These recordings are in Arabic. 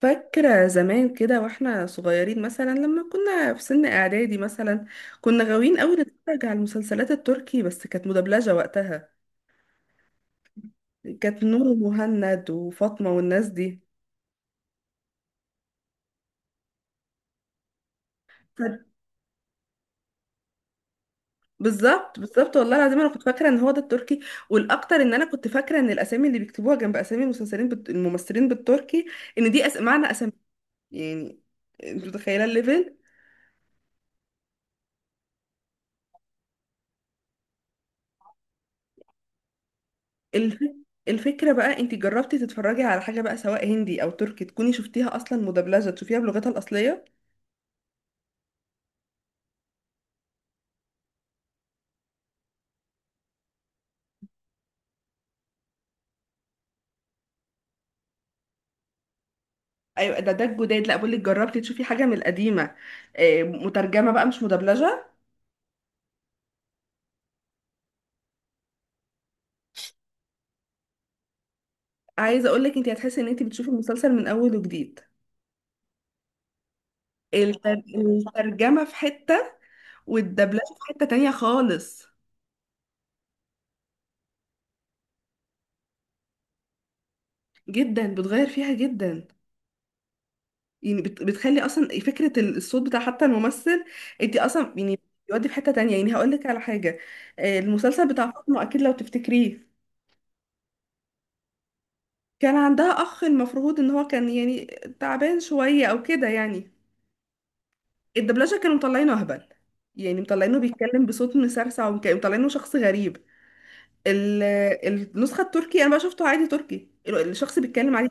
فاكرة زمان كده واحنا صغيرين مثلا، لما كنا في سن اعدادي مثلا كنا غاويين قوي نتفرج على المسلسلات التركي، بس كانت مدبلجة وقتها. كانت نور ومهند وفاطمة والناس دي. ف- بالظبط بالظبط والله العظيم انا كنت فاكرة ان هو ده التركي. والاكتر ان انا كنت فاكرة ان الاسامي اللي بيكتبوها جنب اسامي الممثلين بالتركي ان دي معنى اسامي. يعني انت متخيلة الليفل. الف... الفكرة بقى، انت جربتي تتفرجي على حاجة بقى سواء هندي او تركي تكوني شفتيها اصلا مدبلجة تشوفيها بلغتها الاصلية؟ ايوه، ده الجداد. لا، بقول لك جربتي تشوفي حاجة من القديمة آه، مترجمة بقى مش مدبلجة. عايزة اقول لك انت هتحسي ان انت بتشوفي المسلسل من اول وجديد. الترجمة في حتة، والدبلجة في حتة تانية خالص. جدا، بتغير فيها جدا. يعني بتخلي اصلا فكره الصوت بتاع حتى الممثل، انت اصلا يعني يودي في حته تانية. يعني هقول لك على حاجه آه، المسلسل بتاع فاطمه اكيد لو تفتكريه. كان عندها اخ المفروض ان هو كان يعني تعبان شويه او كده. يعني الدبلجه كانوا مطلعينه اهبل، يعني مطلعينه بيتكلم بصوت مسرسع وكانوا مطلعينه شخص غريب. ال- النسخه التركي انا بقى شفته عادي تركي، الشخص بيتكلم عادي.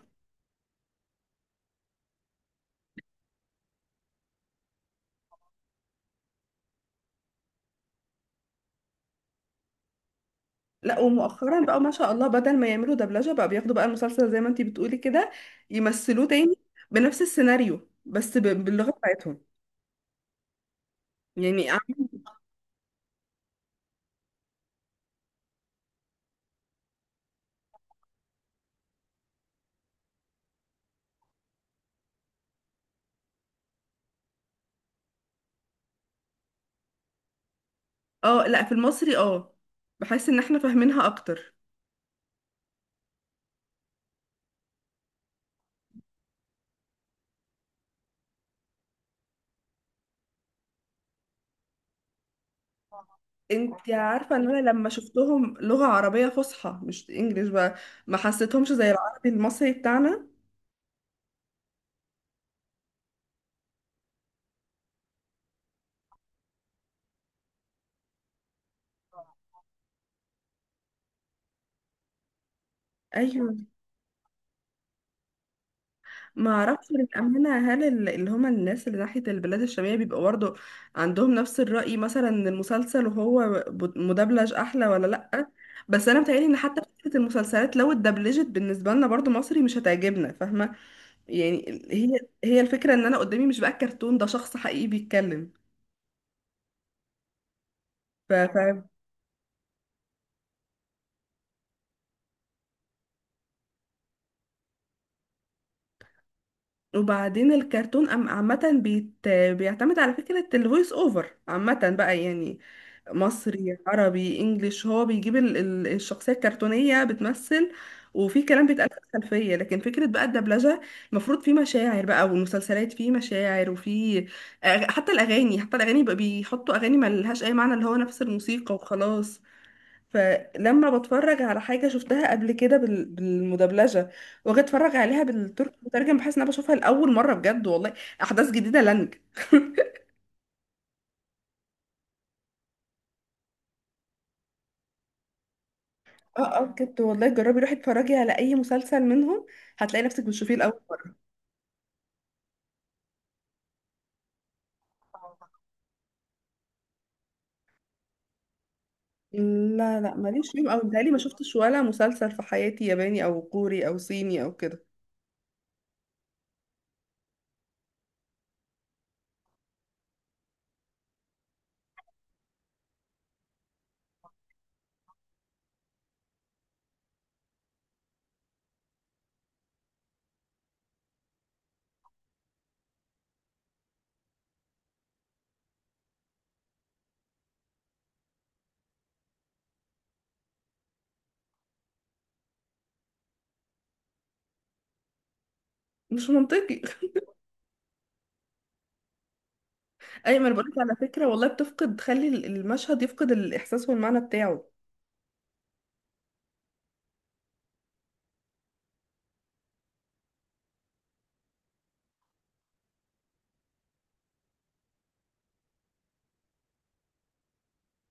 لا، ومؤخرا بقى ما شاء الله بدل ما يعملوا دبلجة بقى بياخدوا بقى المسلسل زي ما انتي بتقولي كده يمثلوه تاني بنفس السيناريو بس باللغة بتاعتهم. يعني عم- اه لا، في المصري اه. بحس ان احنا فاهمينها اكتر. انتي عارفة ان انا لما شفتهم لغة عربية فصحى مش انجليش بقى ما حسيتهمش زي العربي المصري بتاعنا. ايوه، ما اعرفش للامانه هل اللي هما الناس اللي ناحيه البلاد الشاميه بيبقى برضه عندهم نفس الراي، مثلا إن المسلسل وهو مدبلج احلى ولا لا. بس انا متهيألي ان حتى فكره المسلسلات لو اتدبلجت بالنسبه لنا برضه مصري مش هتعجبنا، فاهمه؟ يعني هي الفكره ان انا قدامي مش بقى كرتون، ده شخص حقيقي بيتكلم. وبعدين الكرتون عامة بيعتمد على فكرة الفويس اوفر عامة بقى. يعني مصري، عربي، انجليش هو بيجيب الشخصية الكرتونية بتمثل وفي كلام بيتقال في الخلفية، لكن فكرة بقى الدبلجة، المفروض في مشاعر بقى، والمسلسلات في مشاعر وفي حتى الأغاني، حتى الأغاني بقى بيحطوا أغاني ملهاش أي معنى، اللي هو نفس الموسيقى وخلاص. فلما بتفرج على حاجة شفتها قبل كده بالمدبلجة واجي اتفرج عليها بالتركي مترجم بحس ان انا بشوفها لأول مرة بجد والله. أحداث جديدة لنج. اه اه بجد والله، جربي روحي اتفرجي على أي مسلسل منهم هتلاقي نفسك بتشوفيه لأول مرة. لا لا، ماليش فيهم أوي، متهيألي ما شفتش ولا مسلسل في حياتي ياباني أو كوري أو صيني أو كده. مش منطقي. أي ما أنا بقولك، على فكرة والله بتفقد، تخلي المشهد يفقد الإحساس والمعنى بتاعه.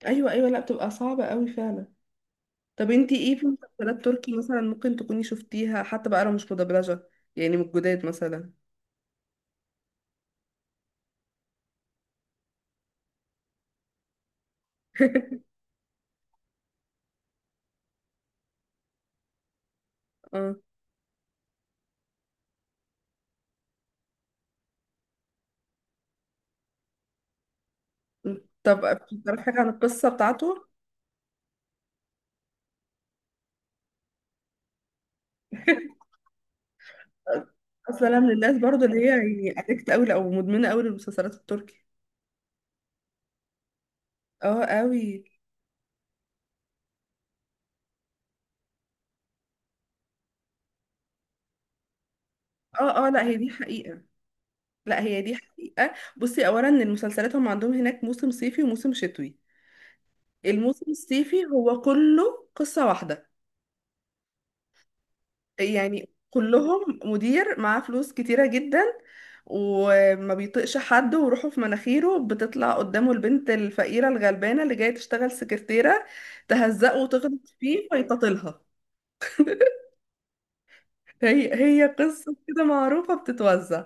أيوه أيوه، لا بتبقى صعبة أوي فعلا. طب انتي ايه في مسلسلات تركي مثلا ممكن تكوني شفتيها حتى بقى لو مش مدبلجة؟ يعني من الجداد مثلا. اه. طب بتعرفي حاجة عن القصة بتاعته؟ اصلا انا من الناس برضو اللي هي يعني ادكت قوي او مدمنة قوي للمسلسلات التركي. اه قوي. اه اه لا، هي دي حقيقة. لا هي دي حقيقة. بصي، اولا ان المسلسلات هم عندهم هناك موسم صيفي وموسم شتوي. الموسم الصيفي هو كله قصة واحدة، يعني كلهم مدير معاه فلوس كتيرة جدا وما بيطقش حد وروحه في مناخيره، بتطلع قدامه البنت الفقيرة الغلبانة اللي جاية تشتغل سكرتيرة تهزقه وتغلط فيه فيتطلها. هي هي قصة كده معروفة بتتوزع.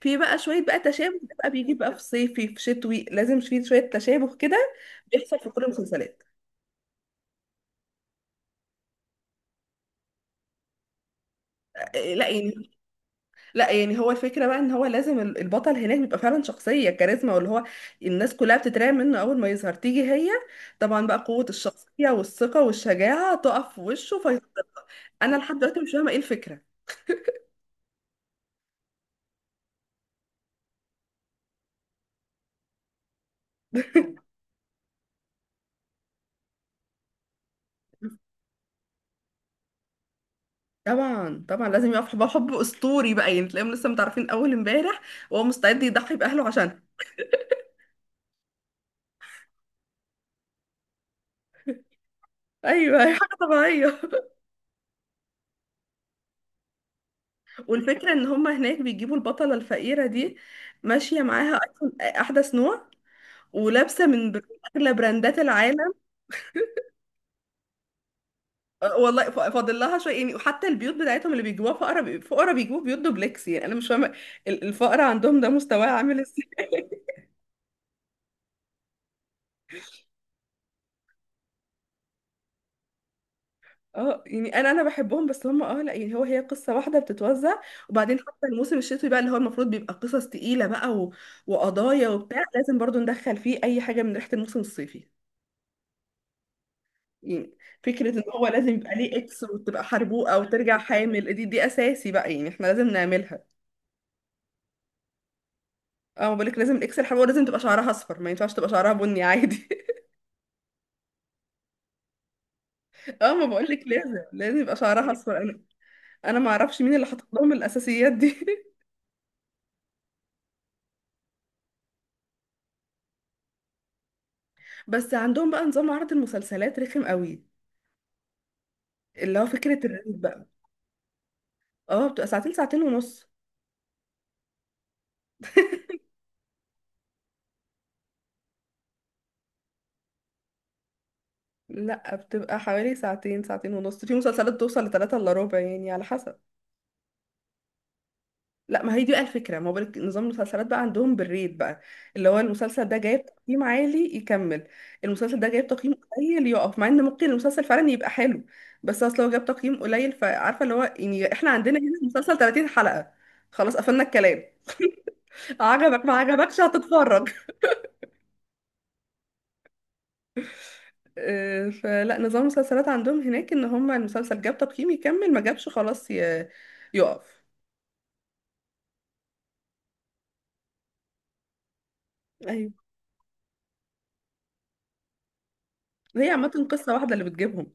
في بقى شوية بقى تشابه، ده بقى بيجي بقى في صيفي، في شتوي لازم في شوية تشابه كده بيحصل في كل المسلسلات. آه، لا يعني. لا يعني هو الفكرة بقى ان هو لازم البطل هناك بيبقى فعلا شخصية كاريزما، واللي هو الناس كلها بتترعب منه اول ما يظهر. تيجي هي طبعا بقى قوة الشخصية والثقة والشجاعة تقف في وشه فيصدقها. انا لحد دلوقتي مش فاهمة ايه الفكرة. طبعا طبعا لازم يقف حب، حب اسطوري بقى يعني، تلاقيهم لسه متعرفين اول امبارح وهو مستعد يضحي باهله عشانها. ايوه هي حاجه طبيعيه. والفكره ان هم هناك بيجيبوا البطله الفقيره دي ماشيه معاها ايفون احدث نوع ولابسه من اغلى براندات العالم. آه، والله فاضل لها شويه يعني، وحتى البيوت بتاعتهم اللي بيجيبوها فقرا فقرا بيجيبوا بيوت دوبلكس، يعني انا مش فاهمه الفقر عندهم ده مستواه عامل ازاي. اه يعني انا بحبهم، بس هم اه لا يعني هو هي قصه واحده بتتوزع. وبعدين حتى الموسم الشتوي بقى اللي هو المفروض بيبقى قصص تقيله بقى، و... وقضايا وبتاع، لازم برضو ندخل فيه اي حاجه من ريحه الموسم الصيفي. يعني فكره ان هو لازم يبقى ليه اكس وتبقى حربوقه وترجع حامل، دي اساسي بقى يعني احنا لازم نعملها. اه بقولك لازم الاكس الحربوقه لازم تبقى شعرها اصفر، ما ينفعش تبقى شعرها بني عادي. اه، ما بقولك لازم لازم يبقى شعرها اصفر. انا ما اعرفش مين اللي حاطط لهم الاساسيات دي. بس عندهم بقى نظام عرض المسلسلات رخم قوي، اللي هو فكرة الريت بقى. اه، بتبقى ساعتين، ساعتين ونص. لا، بتبقى حوالي ساعتين، ساعتين ونص، في مسلسلات توصل لثلاثة الا ربع يعني على حسب. لا، ما هي دي بقى الفكره، ما هو بالك نظام المسلسلات بقى عندهم بالريت بقى، اللي هو المسلسل ده جايب تقييم عالي يكمل، المسلسل ده جايب تقييم قليل يقف، مع ان ممكن المسلسل فعلا يبقى حلو، بس اصل هو جاب تقييم قليل. فعارفه اللي هو يعني احنا عندنا هنا المسلسل 30 حلقه خلاص قفلنا الكلام، عجبك ما عجبكش هتتفرج. آه، فلا نظام المسلسلات عندهم هناك ان هم المسلسل جاب تقييم يكمل، ما جابش خلاص يقف. ايوه هي عامه قصه واحده اللي بتجيبهم.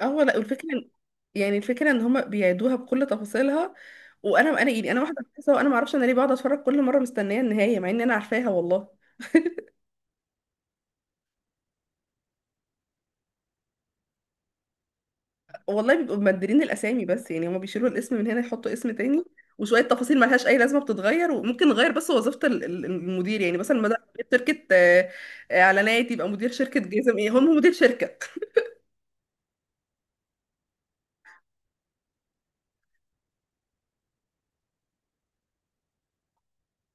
اه لا والفكره، يعني الفكره ان هما بيعيدوها بكل تفاصيلها. وانا يعني انا واحده بحسها وانا ما اعرفش انا ليه بقعد اتفرج كل مره مستنيه النهايه مع ان انا عارفاها والله. والله بيبقوا مبدلين الاسامي بس، يعني هما بيشيلوا الاسم من هنا يحطوا اسم تاني وشويه تفاصيل ملهاش اي لازمه بتتغير. وممكن نغير بس وظيفه المدير يعني، مثلا مدى شركه آه، آه، اعلانات، يبقى مدير شركه جزم، ايه هم مدير شركه.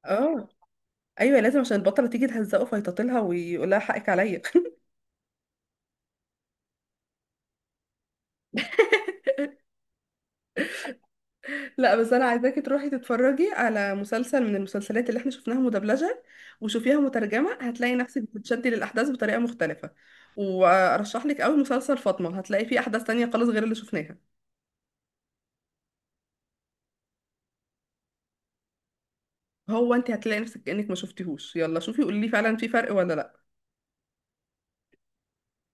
اه ايوه، لازم عشان البطله تيجي تهزقه فيتطلها ويقول لها حقك عليا. لا بس انا عايزاكي تروحي تتفرجي على مسلسل من المسلسلات اللي احنا شفناها مدبلجة وشوفيها مترجمة، هتلاقي نفسك بتتشدي للاحداث بطريقة مختلفة. وارشح لك قوي مسلسل فاطمة هتلاقي فيه احداث تانية خالص غير اللي شفناها. هو انت هتلاقي نفسك كأنك ما شفتيهوش، يلا شوفي قولي لي فعلا في فرق ولا لا.